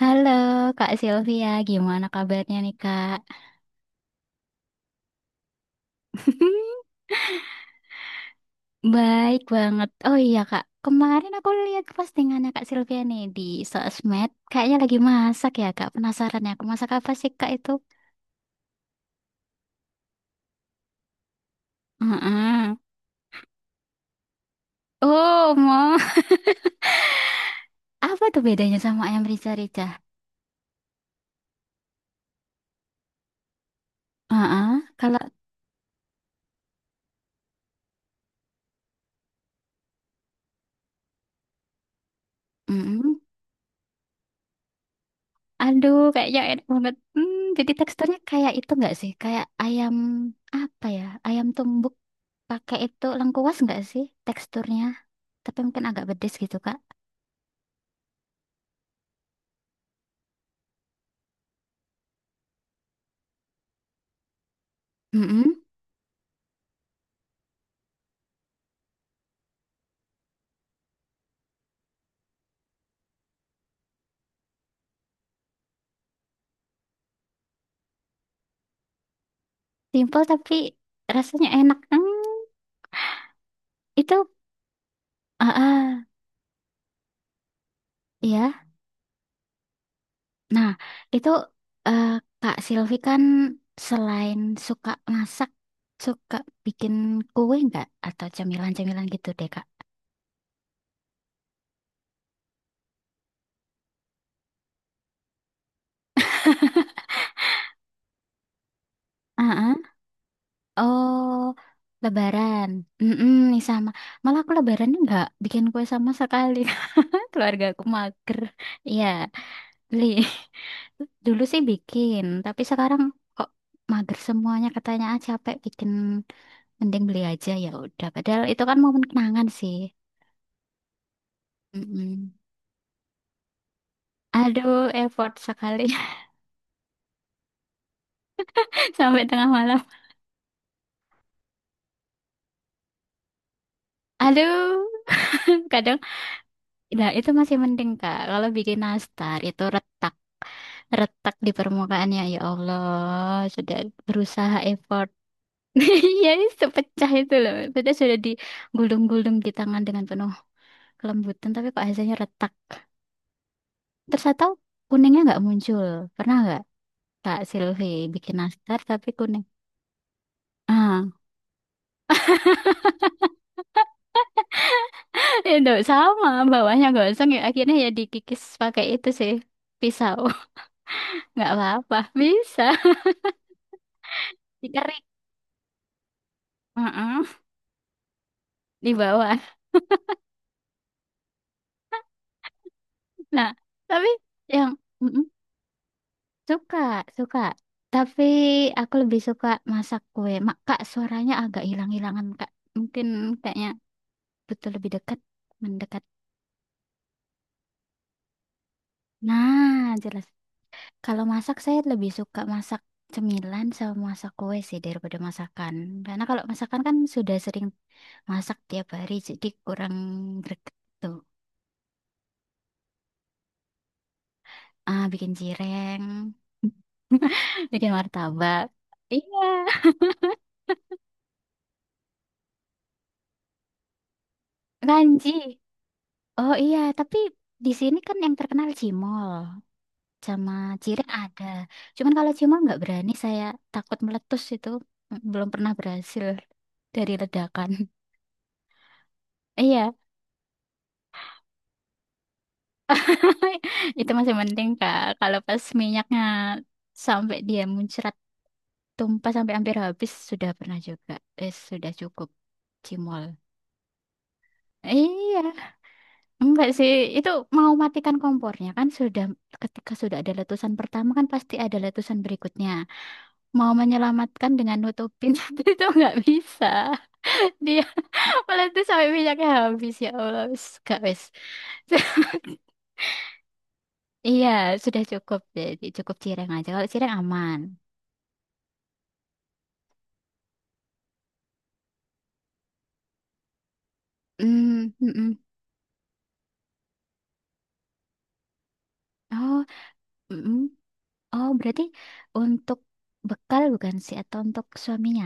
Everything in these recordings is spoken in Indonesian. Halo Kak Sylvia, gimana kabarnya nih Kak? Baik banget. Oh iya Kak, kemarin aku lihat postingannya Kak Sylvia nih di sosmed. Kayaknya lagi masak ya Kak, penasaran ya. Aku masak apa sih Kak itu? Heeh. Oh, mau. Apa tuh bedanya sama ayam rica-rica? Heeh. Kalau... Mm-mm. Aduh, kayaknya enak banget. Hmm, jadi teksturnya kayak itu nggak sih? Kayak ayam apa ya? Ayam tumbuk pakai itu lengkuas nggak sih teksturnya? Tapi mungkin agak pedes gitu, Kak. Mm. Simple tapi rasanya enak. Hmm, itu, ah, ah, iya. Nah, itu eh, Kak Silvi kan selain suka masak, suka bikin kue nggak? Atau camilan-camilan gitu deh, Kak. Ah, ah. Oh, Lebaran. Mm-mm, nih sama. Malah aku Lebarannya nggak bikin kue sama sekali. Keluarga aku mager. Iya, beli. Dulu sih bikin, tapi sekarang kok mager semuanya. Katanya capek bikin, mending beli aja ya udah. Padahal itu kan momen kenangan sih. Mm-mm. Aduh, effort sekali sampai tengah malam. Aduh, kadang, nah itu masih mending Kak. Kalau bikin nastar itu retak. Retak di permukaannya, ya, ya Allah, sudah berusaha effort. Ya, sepecah itu loh, sudah digulung-gulung di tangan dengan penuh kelembutan, tapi kok hasilnya retak terus atau kuningnya nggak muncul? Pernah nggak Kak Silvi bikin nastar tapi kuning ah itu sama bawahnya gosong, ya akhirnya ya dikikis pakai itu sih, pisau. Nggak apa-apa, bisa dikerik. Heeh, di bawah. Nah, tapi yang... Suka, suka. Tapi aku lebih suka masak kue. Kak, suaranya agak hilang-hilangan, Kak. Mungkin kayaknya butuh lebih dekat, mendekat. Nah, jelas. Kalau masak, saya lebih suka masak cemilan sama masak kue sih daripada masakan. Karena kalau masakan kan sudah sering masak tiap hari, jadi kurang greget tuh. Ah, bikin cireng, bikin martabak. Iya, kanji. Oh iya, tapi di sini kan yang terkenal cimol. Sama cireng ada. Cuman kalau cimol nggak berani, saya takut meletus itu. Belum pernah berhasil dari ledakan. Iya, itu masih penting Kak. Kalau pas minyaknya sampai dia muncrat tumpah sampai hampir habis sudah pernah juga. Eh, sudah cukup cimol. Iya, enggak sih. Itu mau matikan kompornya kan, sudah ketika sudah ada letusan pertama kan, pasti ada letusan berikutnya. Mau menyelamatkan dengan nutupin itu enggak bisa. Dia malah tuh sampai minyaknya habis, ya Allah. Wis, gak wis. Iya, sudah cukup jadi cukup cireng aja. Kalau cireng aman. Hmm, mm-mm. Oh, mm-mm. Oh, berarti untuk bekal bukan sih atau untuk suaminya?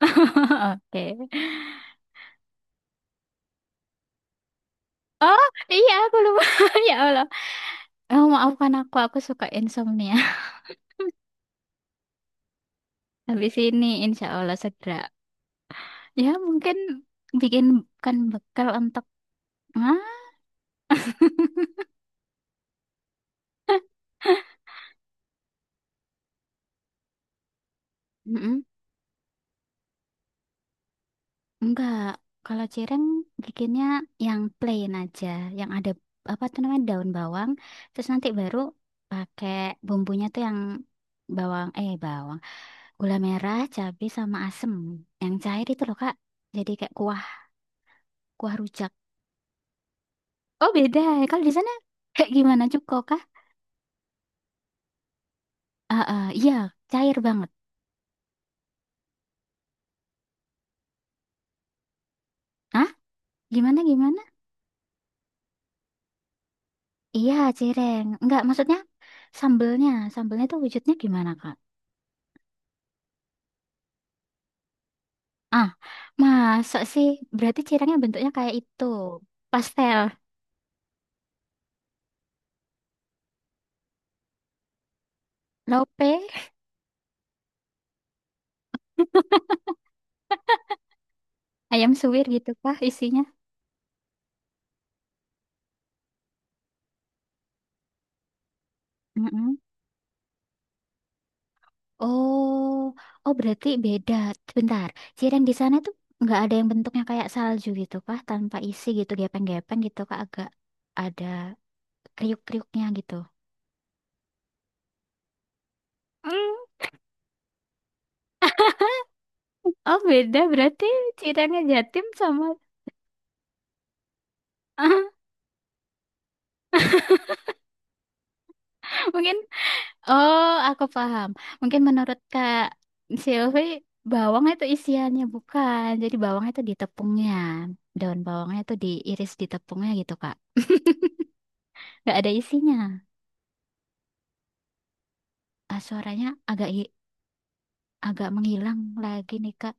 Oke. Oh, iya aku lupa. Ya Allah. Oh, maafkan aku suka insomnia. Habis ini insya Allah segera. Ya, mungkin bikin bukan bekal untuk ah, Enggak, kalau cireng bikinnya yang plain aja, yang ada apa tuh namanya daun bawang, terus nanti baru pakai bumbunya tuh yang bawang, gula merah, cabai sama asem. Yang cair itu loh, Kak. Jadi kayak kuah, kuah rujak. Oh, beda, ya. Kalau di sana kayak gimana cuko kah? Ah, ah, iya, cair banget. Hah? Gimana gimana? Iya, cireng. Enggak, maksudnya sambelnya, sambelnya tuh wujudnya gimana, Kak? Ah, masa sih? Berarti cirengnya bentuknya kayak itu. Pastel, lope, ayam suwir gitu kah isinya? Mm-mm. Oh, oh berarti beda. Bentar, cireng di sana tuh nggak ada yang bentuknya kayak salju gitu kah? Tanpa isi gitu, gepeng-gepeng gitu kah? Agak ada kriuk-kriuknya gitu. Hmm. Oh beda berarti cirengnya Jatim sama... mungkin oh, aku paham. Mungkin menurut Kak Silvi, bawang itu isiannya bukan. Jadi bawang itu di tepungnya. Daun bawangnya itu diiris di tepungnya gitu, Kak. Nggak ada isinya. Ah, suaranya agak hi- agak menghilang lagi nih, Kak.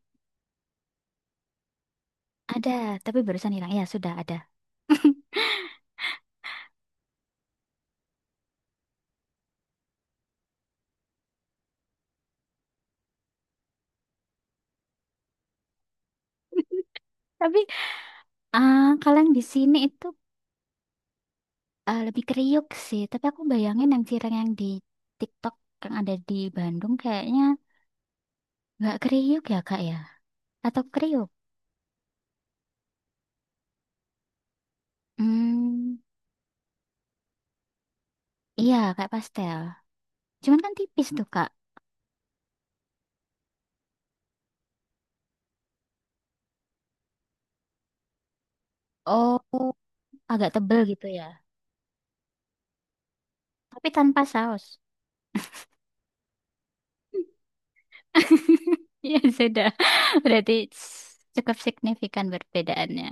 Ada, tapi barusan hilang. Ya, sudah ada. Tapi kalau yang di sini itu lebih kriuk sih. Tapi aku bayangin yang cireng yang di TikTok yang ada di Bandung kayaknya nggak kriuk ya, Kak ya? Atau kriuk? Hmm. Iya, kayak pastel. Cuman kan tipis tuh, Kak. Oh, agak tebel gitu ya. Tapi tanpa saus. Iya, sudah. Berarti cukup signifikan perbedaannya.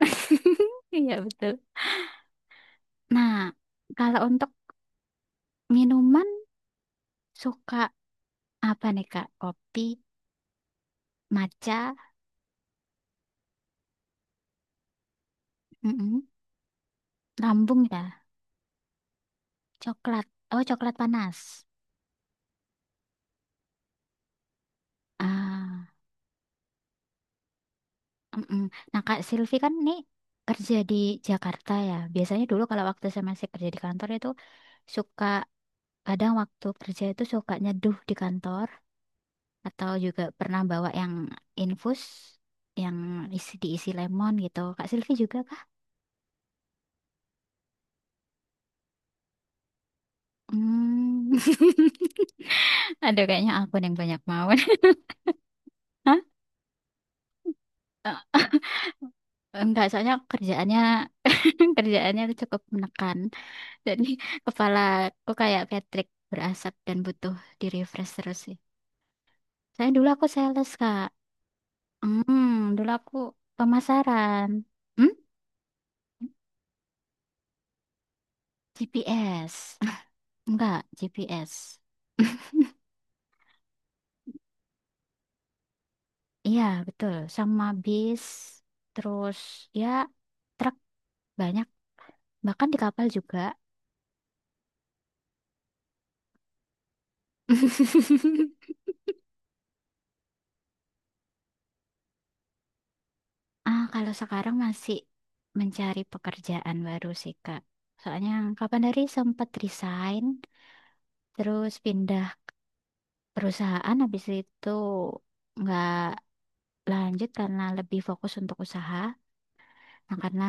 Iya, betul. Nah, kalau untuk minuman suka apa nih, Kak? Kopi, matcha, mm lambung ya, coklat. Oh, coklat panas. Ah. Mm-mm. Nah, Kak Silvi kan nih kerja di Jakarta ya. Biasanya dulu kalau waktu saya masih kerja di kantor itu suka kadang waktu kerja itu suka nyeduh di kantor atau juga pernah bawa yang infus yang diisi lemon gitu. Kak Silvi juga kah? Hmm. Ada kayaknya aku yang banyak mawon. Hah? Eh, enggak, soalnya kerjaannya kerjaannya cukup menekan. Jadi kepala aku kayak Patrick berasap dan butuh di refresh terus. Saya dulu, aku sales, Kak. Hmm, dulu aku pemasaran. Hmm? GPS. Enggak, GPS. Iya, betul. Sama bis, terus ya truk banyak, bahkan di kapal juga. Ah, kalau sekarang masih mencari pekerjaan baru sih, Kak. Soalnya kapan dari sempat resign, terus pindah perusahaan, habis itu nggak lanjut karena lebih fokus untuk usaha. Nah, karena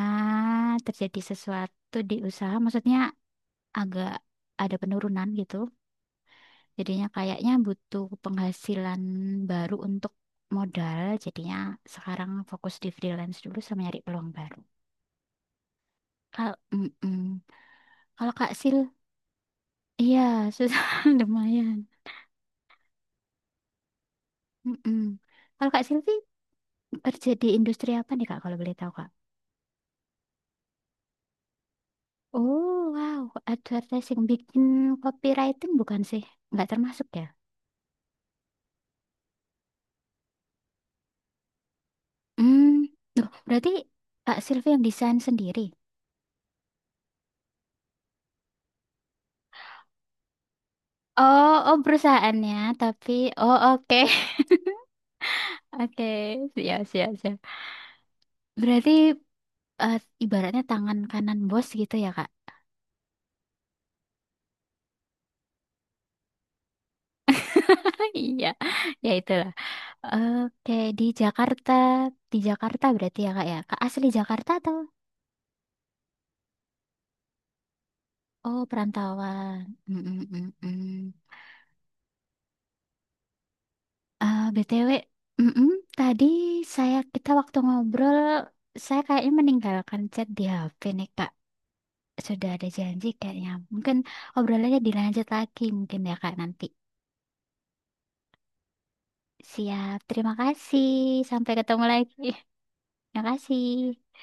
terjadi sesuatu di usaha, maksudnya agak ada penurunan gitu. Jadinya kayaknya butuh penghasilan baru untuk modal. Jadinya sekarang fokus di freelance dulu sama nyari peluang baru. Kalau mm-mm. Kalau Kak Sil, iya susah lumayan. Mm-mm. Kalau Kak Silvi kerja di industri apa nih Kak kalau boleh tahu Kak? Oh wow, advertising bikin copywriting bukan sih? Nggak termasuk ya? Hmm. Duh, berarti Pak Silvi yang desain sendiri. Oh, oh perusahaannya, tapi oh oke. Oke, siap, siap, siap. Berarti eh, ibaratnya tangan kanan bos gitu ya, Kak? Iya, ya itulah. Oke, di Jakarta, di Jakarta berarti ya? Kak asli Jakarta atau? Oh, perantauan. Mm -mm, mm, mm. Eh, BTW, mm, mm, tadi kita waktu ngobrol, saya kayaknya meninggalkan chat di HP nih, Kak. Sudah ada janji kayaknya. Mungkin obrolannya dilanjut lagi mungkin ya Kak nanti. Siap, terima kasih. Sampai ketemu lagi. Terima kasih.